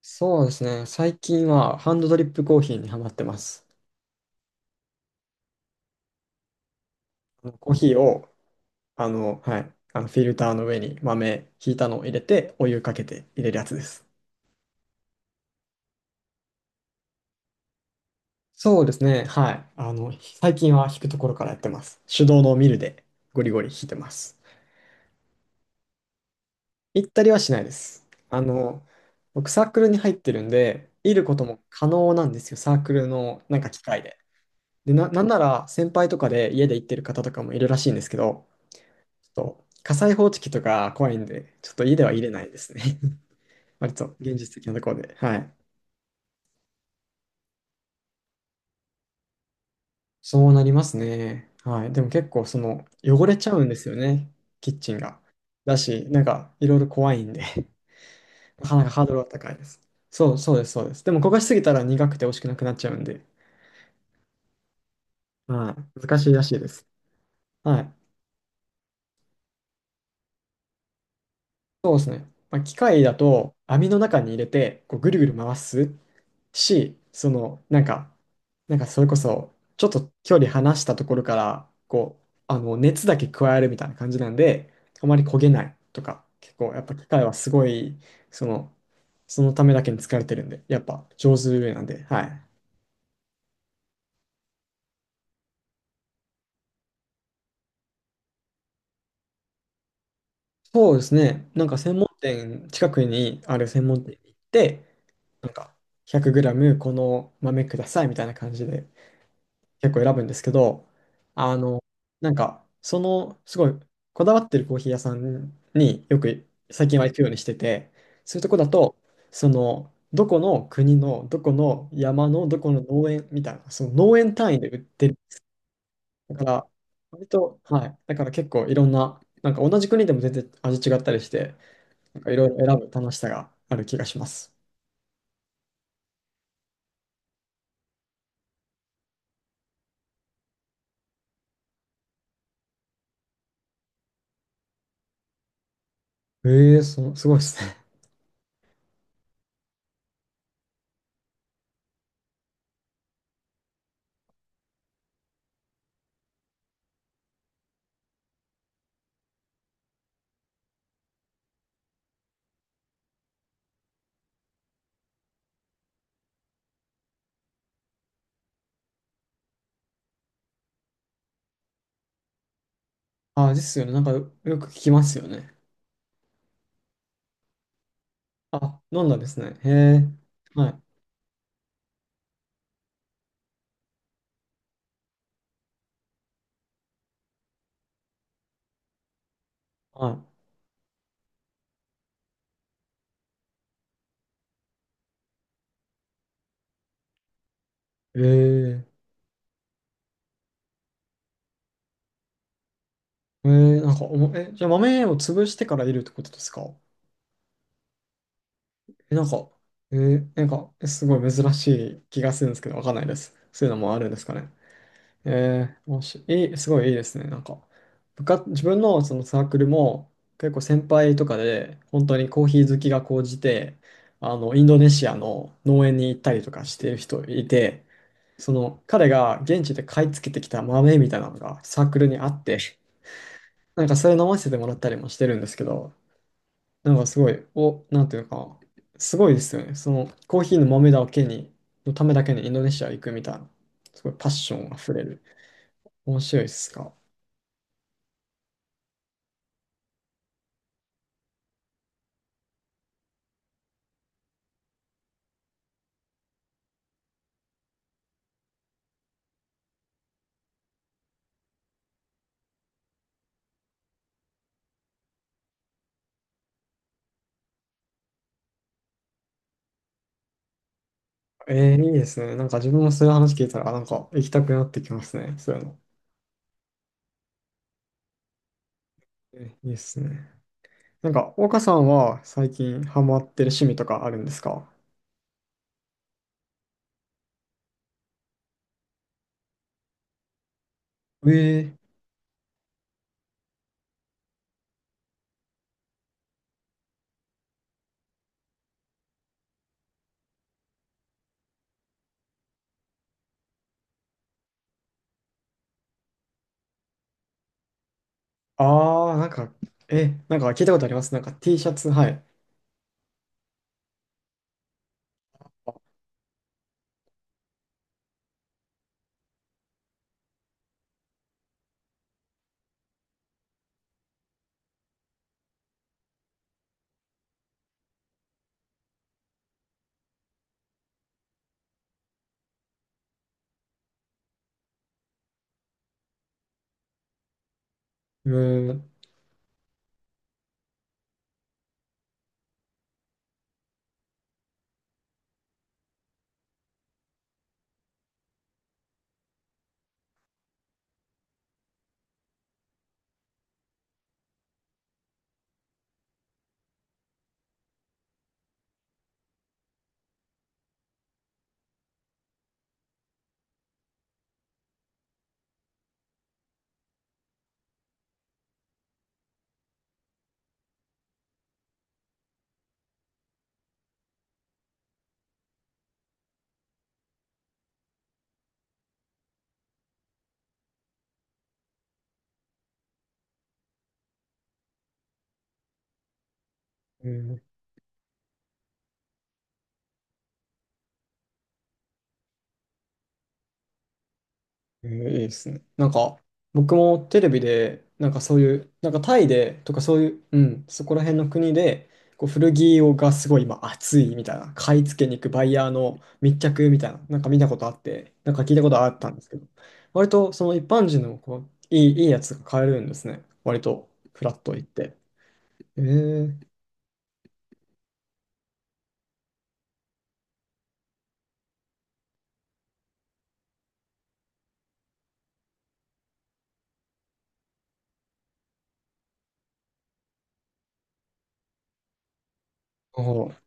そうですね。最近はハンドドリップコーヒーにハマってます。あのコーヒーを、はい、あのフィルターの上に豆ひいたのを入れて、お湯かけて入れるやつです。そうですね。はい。最近は引くところからやってます。手動のミルでゴリゴリ引いてます。行ったりはしないです。あの、僕サークルに入ってるんで、いることも可能なんですよ。サークルのなんか機械で。で、なんなら先輩とかで家で行ってる方とかもいるらしいんですけど、ちょっと火災報知器とか怖いんで、ちょっと家では入れないですね。割と現実的なところで。はい。そうなりますね。はい。でも結構汚れちゃうんですよね。キッチンが。だし、なんかいろいろ怖いんで、なかなかハードルは高いです。そう、そうです、そうです。でも焦がしすぎたら苦くて美味しくなくなっちゃうんで、はい。難しいらしいです。はい。ねまあ、機械だと網の中に入れてこうぐるぐる回すし、なんかそれこそ、ちょっと距離離したところから、こう、熱だけ加えるみたいな感じなんで、あまり焦げないとか、結構、やっぱ機械はすごい、その、そのためだけに疲れてるんで、やっぱ上手なんで、はい。そうですね、なんか専門店、近くにある専門店に行って、なんか、100グラムこの豆くださいみたいな感じで結構選ぶんですけど、あの、なんか、すごい、こだわってるコーヒー屋さんによく最近は行くようにしてて、そういうとこだと、どこの国の、どこの山の、どこの農園みたいな、その農園単位で売ってる。だから、割と、はい。だから結構いろんな、なんか同じ国でも全然味違ったりして、なんかいろいろ選ぶ楽しさがある気がします。ええ、すごいですね。あ、ですよね。なんかよく聞きますよね。あ、飲んだんですね。へえ。はい。はい。ええ。ええ、なんかおも、え、じゃあ豆を潰してからいるってことですか？え、なんか、えすごい珍しい気がするんですけど、わかんないです。そういうのもあるんですかね。ええ、もし、いい、すごいいいですね。なんか、自分のそのサークルも、結構先輩とかで、本当にコーヒー好きが高じて、インドネシアの農園に行ったりとかしてる人いて、その彼が現地で買い付けてきた豆みたいなのがサークルにあって、なんかそれ飲ませてもらったりもしてるんですけど、なんかすごい、なんていうか、すごいですよね。そのコーヒーの豆だけに、のためだけにインドネシア行くみたいな、すごいパッションあふれる。面白いっすか？いいですね。なんか自分もそういう話聞いたら、なんか行きたくなってきますね。そういうの。いいですね。なんか、岡さんは最近ハマってる趣味とかあるんですか？えーああ、なんか、なんか聞いたことあります。なんか T シャツ、はい。うーん、うーん、いいですね。なんか、僕もテレビで、なんかそういう、なんかタイでとかそういう、うん、そこら辺の国で、こう古着をがすごい今熱いみたいな、買い付けに行くバイヤーの密着みたいな、なんか見たことあって、なんか聞いたことあったんですけど、割とその一般人のこういいやつが買えるんですね。割と、フラッと行って。えー、あー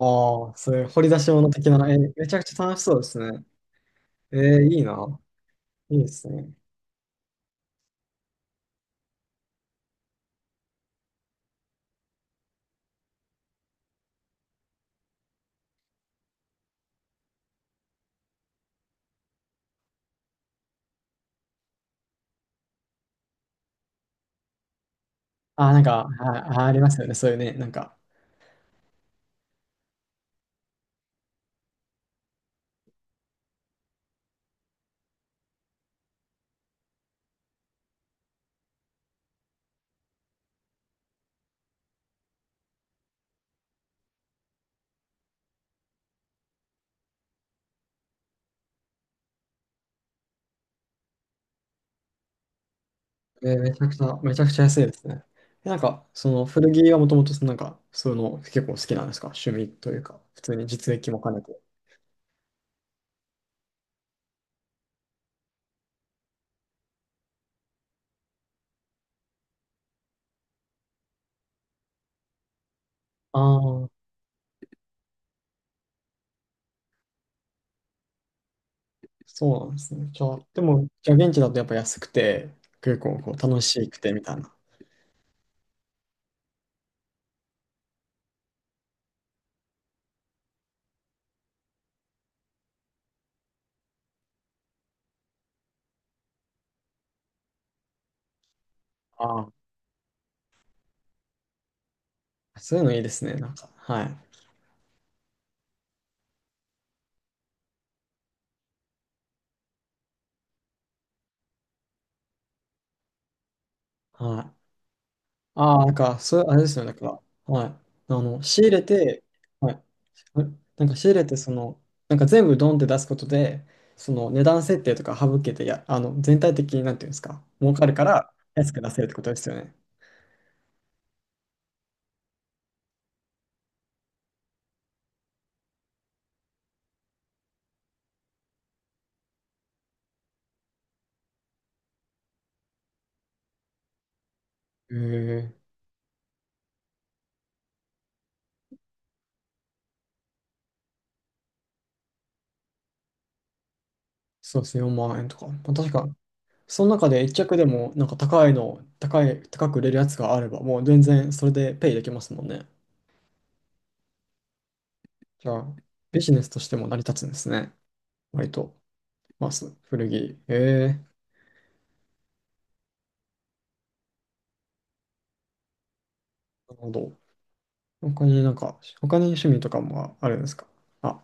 ああ、そういう掘り出し物的な、え、めちゃくちゃ楽しそうですね。いいな。いいですね。なんか、あ、ありますよね。そういうね、なんか、めちゃくちゃ、めちゃくちゃ安いですね。なんか、その古着はもともと、なんか、そういうの結構好きなんですか？趣味というか、普通に実益も兼ねて。ああ、そうなんですね。じゃあ、でも、じゃあ現地だとやっぱ安くて、結構こう楽しくてみたいな。ああ、そういうのいいですね。なんか、はい。はい。ああ、なんか、そう、あれですよね、なんか、はい。仕入れて、はい。なんか仕入れて、なんか全部ドンって出すことで、その値段設定とか省けて、や、あの、全体的になんていうんですか、儲かるから安く出せるってことですよね。へえそうですね、4万円とか。まあ、確か、その中で一着でも、なんか高いの、高い、高く売れるやつがあれば、もう全然それでペイできますもんね。じゃあ、ビジネスとしても成り立つんですね。割と、まあ、古着。へえなるほど。他になんか、他に趣味とかもあるんですか？あ、